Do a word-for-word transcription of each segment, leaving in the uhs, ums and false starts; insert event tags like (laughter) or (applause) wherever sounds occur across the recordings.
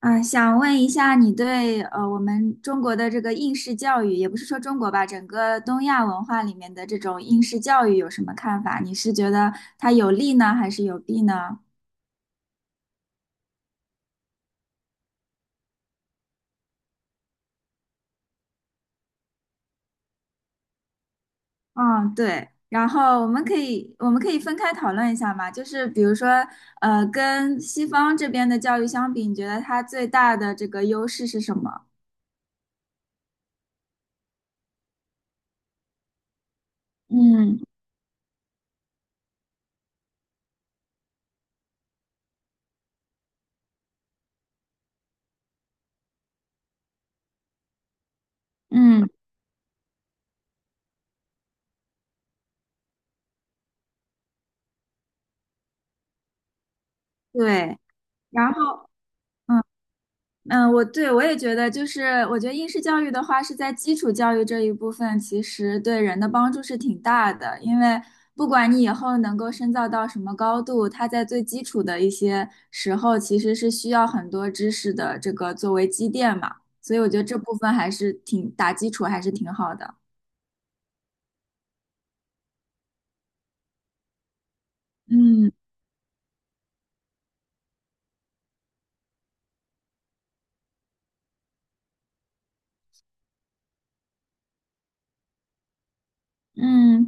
啊，想问一下，你对呃我们中国的这个应试教育，也不是说中国吧，整个东亚文化里面的这种应试教育有什么看法？你是觉得它有利呢，还是有弊呢？嗯，对。然后我们可以我们可以分开讨论一下嘛，就是比如说，呃，跟西方这边的教育相比，你觉得它最大的这个优势是什么？嗯嗯，对。然后。嗯。嗯，我对我也觉得，就是我觉得应试教育的话，是在基础教育这一部分，其实对人的帮助是挺大的。因为不管你以后能够深造到什么高度，它在最基础的一些时候，其实是需要很多知识的这个作为积淀嘛。所以我觉得这部分还是挺打基础，还是挺好的。嗯嗯，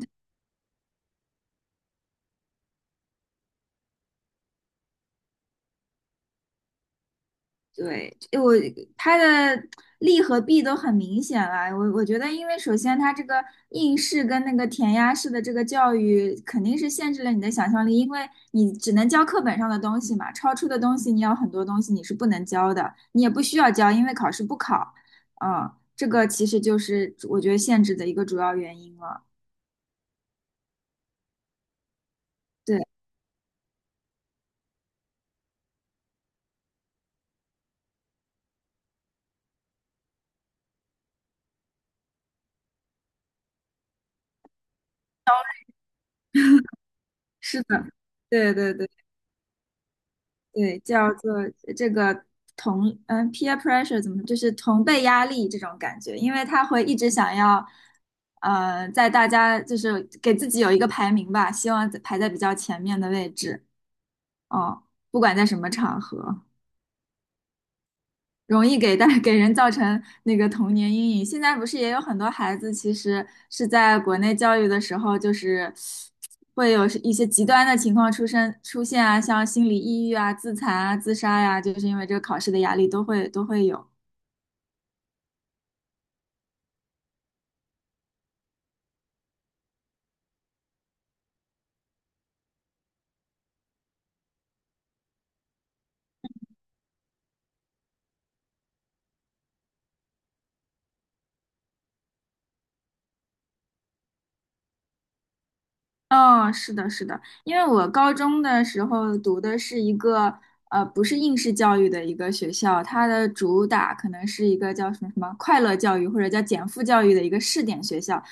对，我它的利和弊都很明显了。我我觉得，因为首先它这个应试跟那个填鸭式的这个教育，肯定是限制了你的想象力，因为你只能教课本上的东西嘛，超出的东西你有很多东西你是不能教的，你也不需要教，因为考试不考。嗯，这个其实就是我觉得限制的一个主要原因了。对，是的，对对对。对，叫做这个同嗯 peer pressure 怎么就是同辈压力这种感觉，因为他会一直想要，呃，在大家就是给自己有一个排名吧，希望在排在比较前面的位置哦，不管在什么场合。容易给带 (laughs) 给人造成那个童年阴影。现在不是也有很多孩子，其实是在国内教育的时候，就是会有一些极端的情况出生出现啊，像心理抑郁啊、自残啊、自杀呀、就是因为这个考试的压力都会都会有。哦，是的，是的，因为我高中的时候读的是一个呃，不是应试教育的一个学校，它的主打可能是一个叫什么什么快乐教育或者叫减负教育的一个试点学校。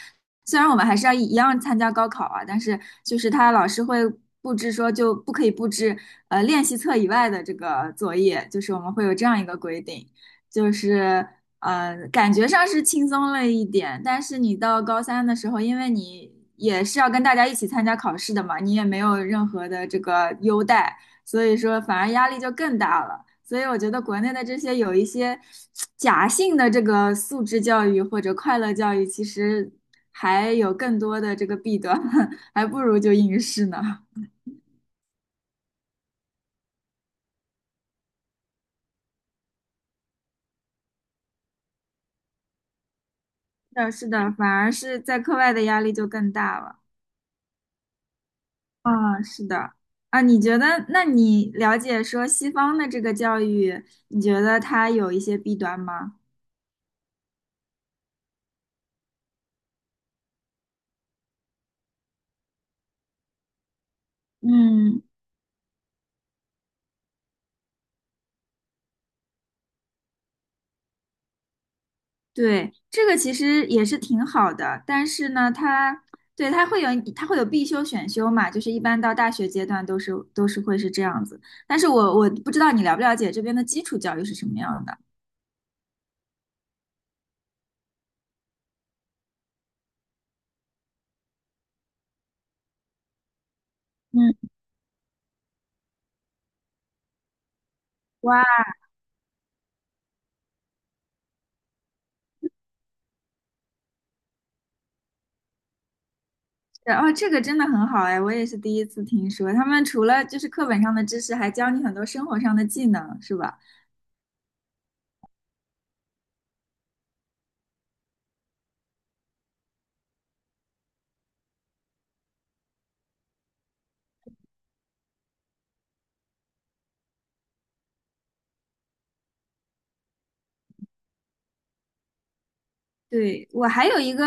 虽然我们还是要一样参加高考啊，但是就是他老师会布置说就不可以布置呃练习册以外的这个作业，就是我们会有这样一个规定，就是。呃，感觉上是轻松了一点，但是你到高三的时候，因为你也是要跟大家一起参加考试的嘛，你也没有任何的这个优待，所以说反而压力就更大了。所以我觉得国内的这些有一些假性的这个素质教育或者快乐教育，其实还有更多的这个弊端，(laughs) 还不如就应试呢。是的，是的，反而是在课外的压力就更大了。啊，是的，啊，你觉得，那你了解说西方的这个教育，你觉得它有一些弊端吗？嗯，对，这个其实也是挺好的，但是呢，它对它会有它会有必修选修嘛，就是一般到大学阶段都是都是会是这样子。但是我我不知道你了不了解这边的基础教育是什么样的。嗯哇，哦，这个真的很好哎，我也是第一次听说，他们除了就是课本上的知识，还教你很多生活上的技能，是吧？对，我还有一个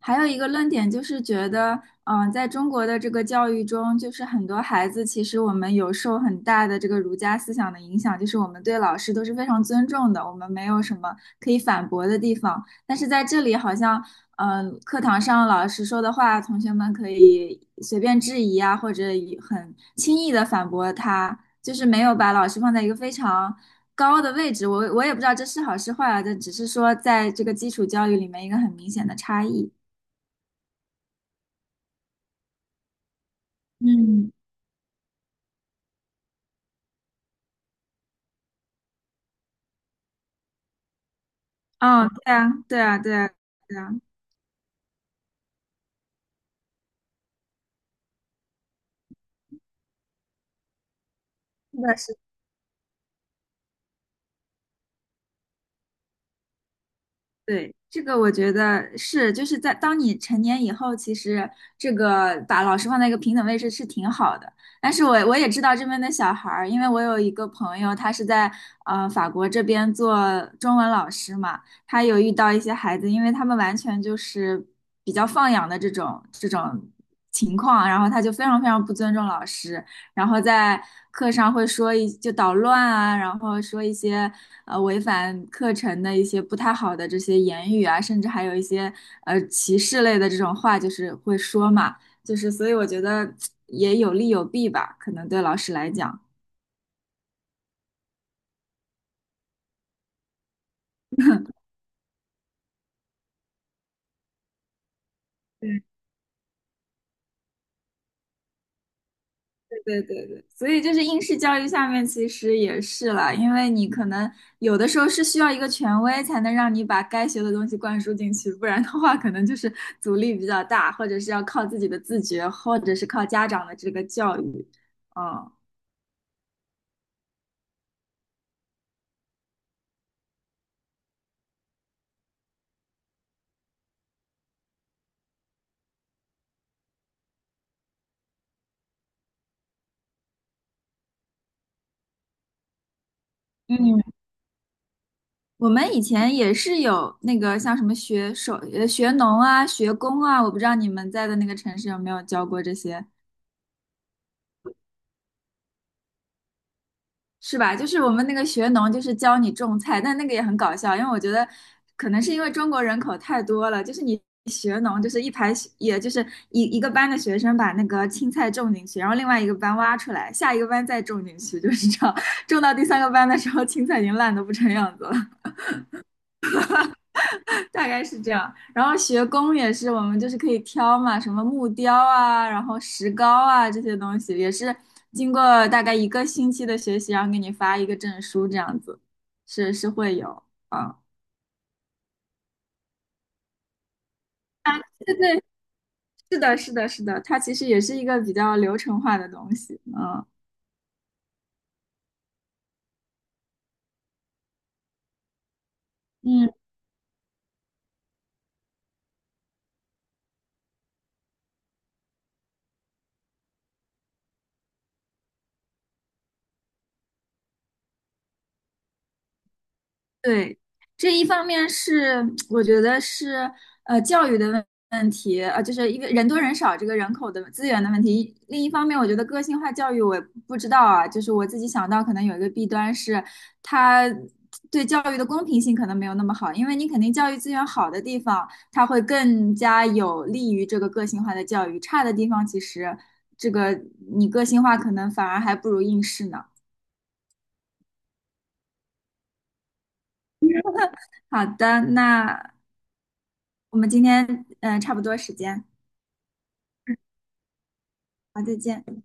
还有一个论点，就是觉得，嗯、在中国的这个教育中，就是很多孩子其实我们有受很大的这个儒家思想的影响，就是我们对老师都是非常尊重的，我们没有什么可以反驳的地方。但是在这里，好像，嗯、课堂上老师说的话，同学们可以随便质疑啊，或者以很轻易的反驳他，就是没有把老师放在一个非常。高的位置，我我也不知道这是好是坏啊，这只是说在这个基础教育里面一个很明显的差异。嗯，啊，对啊，对啊，对啊，对啊。是的。对，这个我觉得是，就是在当你成年以后，其实这个把老师放在一个平等位置是挺好的。但是我我也知道这边的小孩儿，因为我有一个朋友，他是在呃法国这边做中文老师嘛，他有遇到一些孩子，因为他们完全就是比较放养的这种这种情况，然后他就非常非常不尊重老师，然后在课上会说一就捣乱啊，然后说一些呃违反课程的一些不太好的这些言语啊，甚至还有一些呃歧视类的这种话，就是会说嘛，就是所以我觉得也有利有弊吧，可能对老师来讲。对对对，所以就是应试教育下面其实也是啦，因为你可能有的时候是需要一个权威才能让你把该学的东西灌输进去，不然的话可能就是阻力比较大，或者是要靠自己的自觉，或者是靠家长的这个教育。嗯嗯，我们以前也是有那个像什么学手、呃学农啊、学工啊，我不知道你们在的那个城市有没有教过这些是吧？就是我们那个学农，就是教你种菜，但那个也很搞笑，因为我觉得可能是因为中国人口太多了，就是你学农，就是一排学也就是一一个班的学生把那个青菜种进去，然后另外一个班挖出来，下一个班再种进去，就是这样，(laughs) 种到第三个班的时候，青菜已经烂得不成样子了。大概是这样。然后学工也是，我们就是可以挑嘛，什么木雕啊，然后石膏啊这些东西，也是经过大概一个星期的学习，然后给你发一个证书这样子，是是会有啊。对对，是的，是的，是的，它其实也是一个比较流程化的东西，嗯。对，这一方面是 (tsk) 我觉得是呃教育的问问题，呃，就是一个人多人少这个人口的资源的问题。另一方面，我觉得个性化教育我也不知道啊，就是我自己想到可能有一个弊端是它。对教育的公平性可能没有那么好，因为你肯定教育资源好的地方，它会更加有利于这个个性化的教育；差的地方，其实这个你个性化可能反而还不如应试呢。好的，那我们今天嗯、呃差不多时间。好，再见。